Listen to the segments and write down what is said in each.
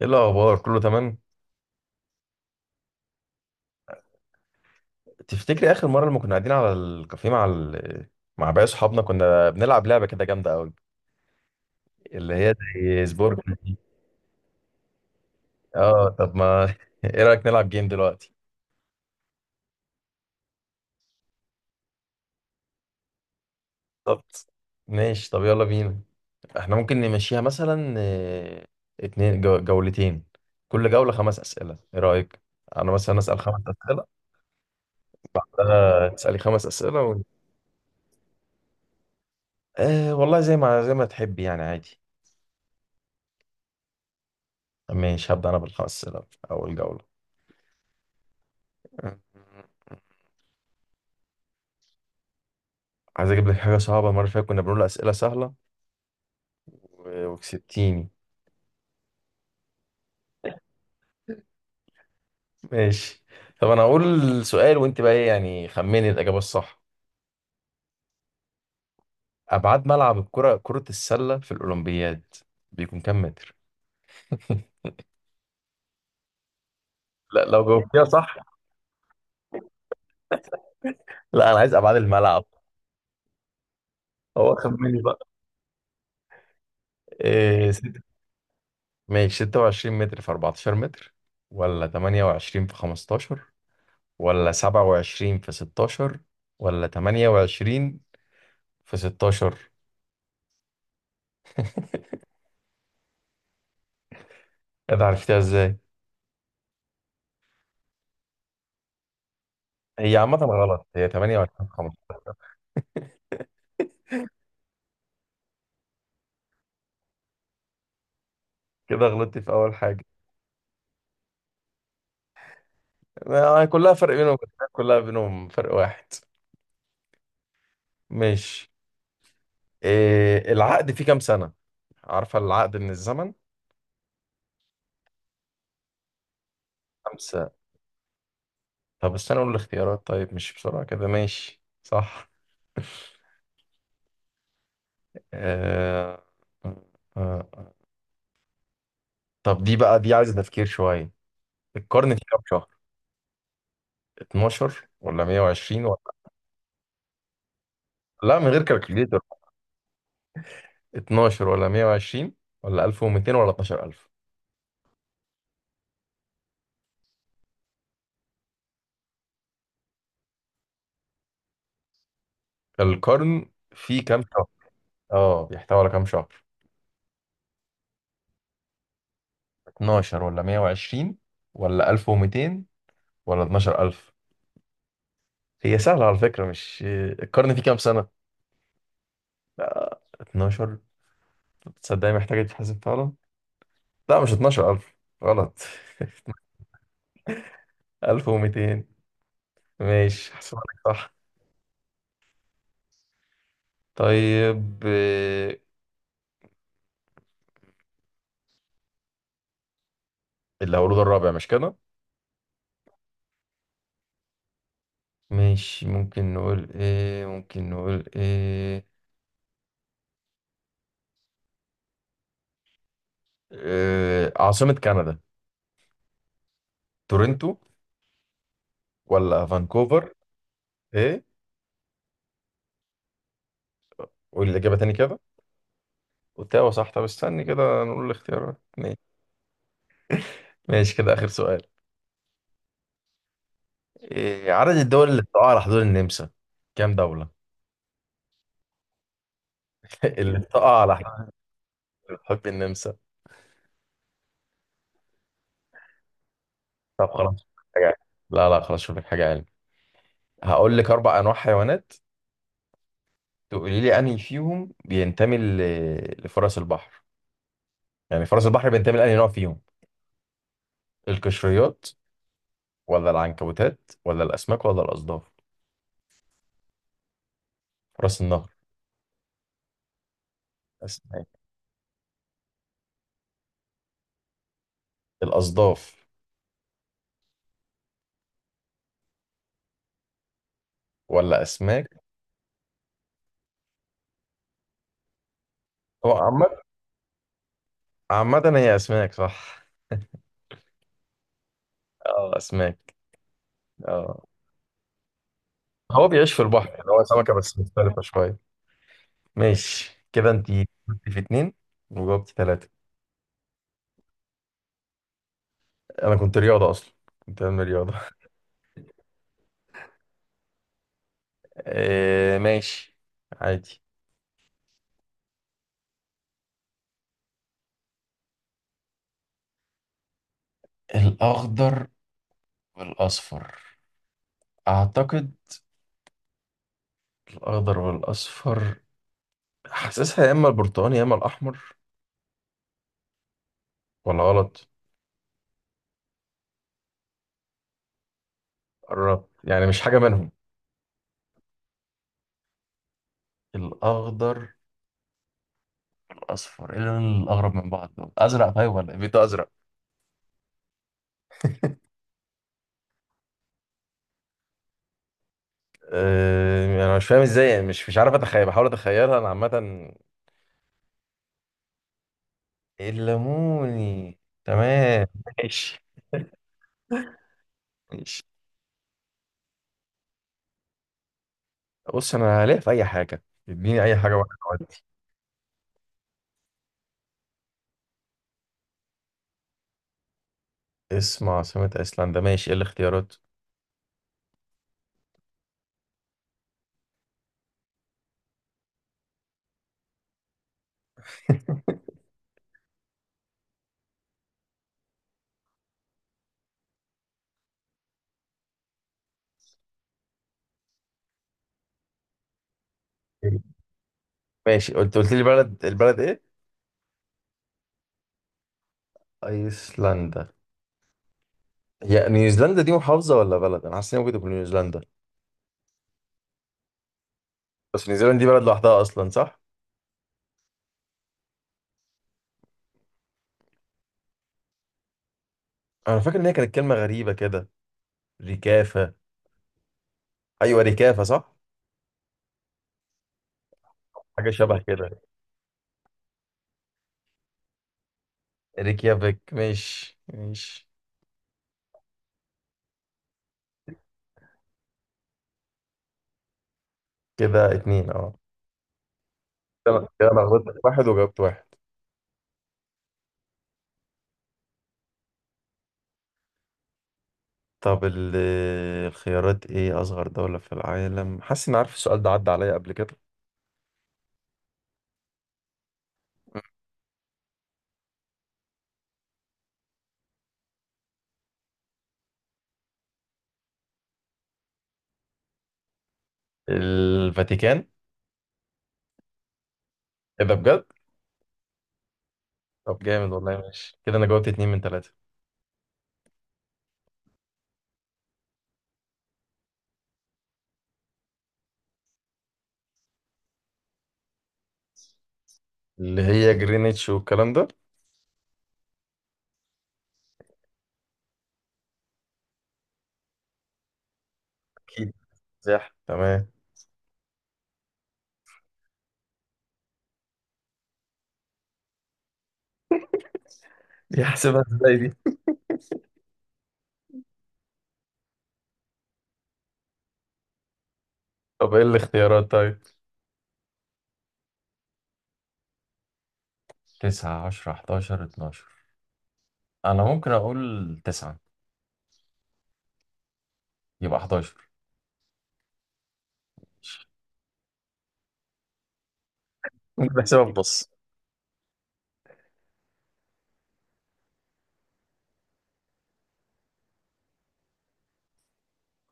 ايه الاخبار؟ كله تمام؟ تفتكري اخر مره لما كنا قاعدين على الكافيه مع مع باقي صحابنا، كنا بنلعب لعبه كده جامده قوي اللي هي زي سبورك. اه، طب ما ايه رايك نلعب جيم دلوقتي؟ بالظبط. ماشي، طب يلا بينا. احنا ممكن نمشيها مثلا اتنين جولتين، كل جوله خمس اسئله، ايه رايك؟ انا مثلا اسال خمس اسئله، تسالي خمس اسئله والله زي ما تحبي يعني، عادي. ماشي، هبدا انا بالخمس اسئله، اول جوله. عايز اجيب لك حاجه صعبه، المره اللي فاتت كنا بنقول اسئله سهله وكسبتيني. ماشي، طب انا هقول سؤال، وانت بقى ايه يعني؟ خمني الاجابه الصح. ابعاد ملعب الكره، كره السله في الاولمبياد، بيكون كام متر؟ لا، لو جاوبتيها صح. لا انا عايز ابعاد الملعب. هو خمني بقى. إيه ست... ماشي، 26 متر في 14 متر، ولا 28 في 15، ولا 27 في 16، ولا 28 في 16؟ ايه ده؟ عرفتها ازاي؟ هي عامة غلط، هي 8 ولا 15؟ كده غلطتي في أول حاجة. كلها فرق بينهم، كلها بينهم فرق واحد. ماشي. إيه العقد فيه كام سنة؟ عارفة العقد من الزمن؟ خمسة؟ طب استنى أقول الاختيارات، طيب مش بسرعة كده، ماشي صح. آه... آه... آه. طب دي بقى، دي عايزة تفكير شوية. القرن فيه كام شهر؟ 12 ولا 120 ولا... لا، من غير كالكوليتر. 12 ولا 120 ولا 1200 ولا 12000؟ القرن فيه كام شهر؟ اه، بيحتوي على كام شهر. 12 ولا 120 ولا 1200 ولا 12000؟ هي سهلة على فكرة، مش القرن فيه كام سنة. 12؟ تصدقني محتاجة تتحسب فعلا. لا، مش 12000، غلط. 1200؟ ماشي، حسبك صح. طيب الهولوج الرابع، مش كده؟ ماشي، ممكن نقول ايه، عاصمة كندا؟ تورنتو ولا فانكوفر؟ ايه؟ قول الإجابة تاني كده. اوتاوا، صح. طب استني كده، نقول الاختيارات، ماشي. ماشي، كده اخر سؤال. إيه عدد الدول اللي بتقع على حدود النمسا؟ كام دولة؟ اللي بتقع على حدود، اللي بتحب النمسا. طب خلاص، شوف لك حاجة علم. لا لا، خلاص شوف لك حاجة علم. هقول لك اربع انواع حيوانات، تقولي لي انهي فيهم بينتمي لفرس البحر، يعني فرس البحر بينتمي لانهي نوع فيهم: القشريات، ولا العنكبوتات، ولا الاسماك، ولا الاصداف؟ فرس النهر. اسماك؟ الاصداف ولا اسماك؟ هو عامة، عامة هي اسماك، صح؟ اه، اسماك. اه. هو بيعيش في البحر، يعني هو سمكة بس مختلفة شوية. ماشي، كده انت جبتي في اتنين وجاوبتي تلاتة. انا كنت رياضة اصلا، كنت بعمل رياضة. آه، ماشي، عادي. الاخضر والاصفر، اعتقد الاخضر والاصفر، حاسسها يا اما البرتقاني يا اما الاحمر. ولا غلط؟ قربت يعني، مش حاجة منهم؟ الاخضر، الاصفر، ايه اللون الاقرب من بعض دول؟ ازرق؟ طيب ولا ايه بيتو؟ ازرق. يعني انا مش فاهم ازاي يعني، مش عارف اتخيل، بحاول اتخيلها انا عامه. الليموني؟ تمام. ماشي ماشي. بص انا هلاقي في اي حاجه، اديني اي حاجه واحده ودي. اسم عاصمه ايسلندا، ماشي، ايه الاختيارات؟ ماشي، قلت لي بلد، البلد ايه؟ ايسلندا. هي نيوزيلندا دي محافظه ولا بلد؟ انا حاسس ان هي ممكن تكون نيوزيلندا، بس نيوزيلندا دي بلد لوحدها اصلا، صح؟ انا فاكر ان هي كانت كلمه غريبه كده. ريكافه؟ ايوه، ريكافه، صح. حاجه شبه كده. ريكيافيك. ماشي ماشي، كده اتنين، اه. كده كده انا غلطت في واحد، وجاوبت واحد. طب الخيارات ايه؟ اصغر دولة في العالم، حاسس اني عارف السؤال ده، عدى عليا قبل كده. الفاتيكان. ايه ده بجد؟ طب جامد والله. ماشي، كده انا جاوبت اتنين من تلاتة. اللي هي جرينتش والكلام ده. اكيد، صح تمام. دي حاسبها ازاي دي؟ طب ايه الاختيارات؟ طيب، تسعة، عشرة، حداشر، اتناشر. أنا ممكن أقول تسعة. يبقى حداشر. بحسبها بنص.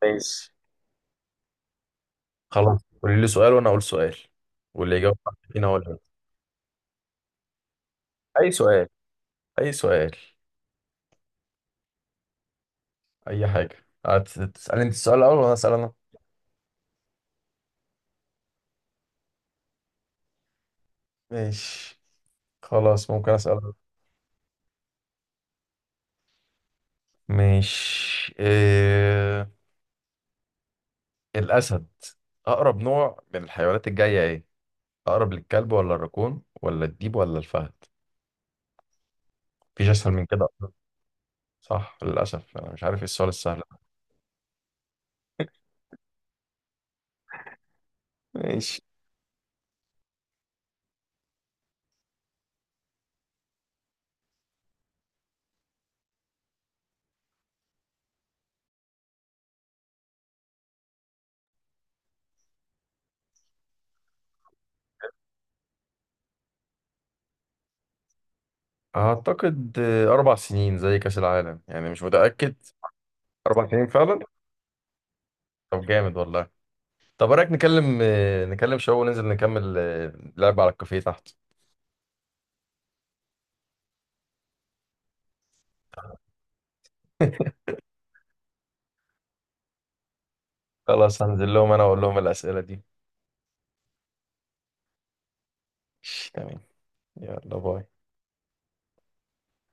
ماشي. خلاص، قولي لي سؤال وانا اقول سؤال، واللي يجاوب صح فينا هو اللي يكسب. اي سؤال؟ اي سؤال، اي حاجه. هتسالي انت السؤال الاول وانا اسال انا. ماشي، خلاص، ممكن اسال. ماشي، الاسد اقرب نوع من الحيوانات الجايه، ايه اقرب؟ للكلب ولا الراكون ولا الديب ولا الفهد؟ مفيش اسهل من كده أصلاً. صح. للاسف انا مش عارف ايه السؤال السهل ده. ماشي. اعتقد اربع سنين، زي كاس العالم يعني، مش متاكد. اربع سنين فعلا. طب جامد والله. طب ايه رأيك نكلم نكلم شباب وننزل نكمل لعب على الكافيه تحت؟ خلاص، هنزل لهم انا واقول لهم الأسئلة دي. تمام. يلا، باي.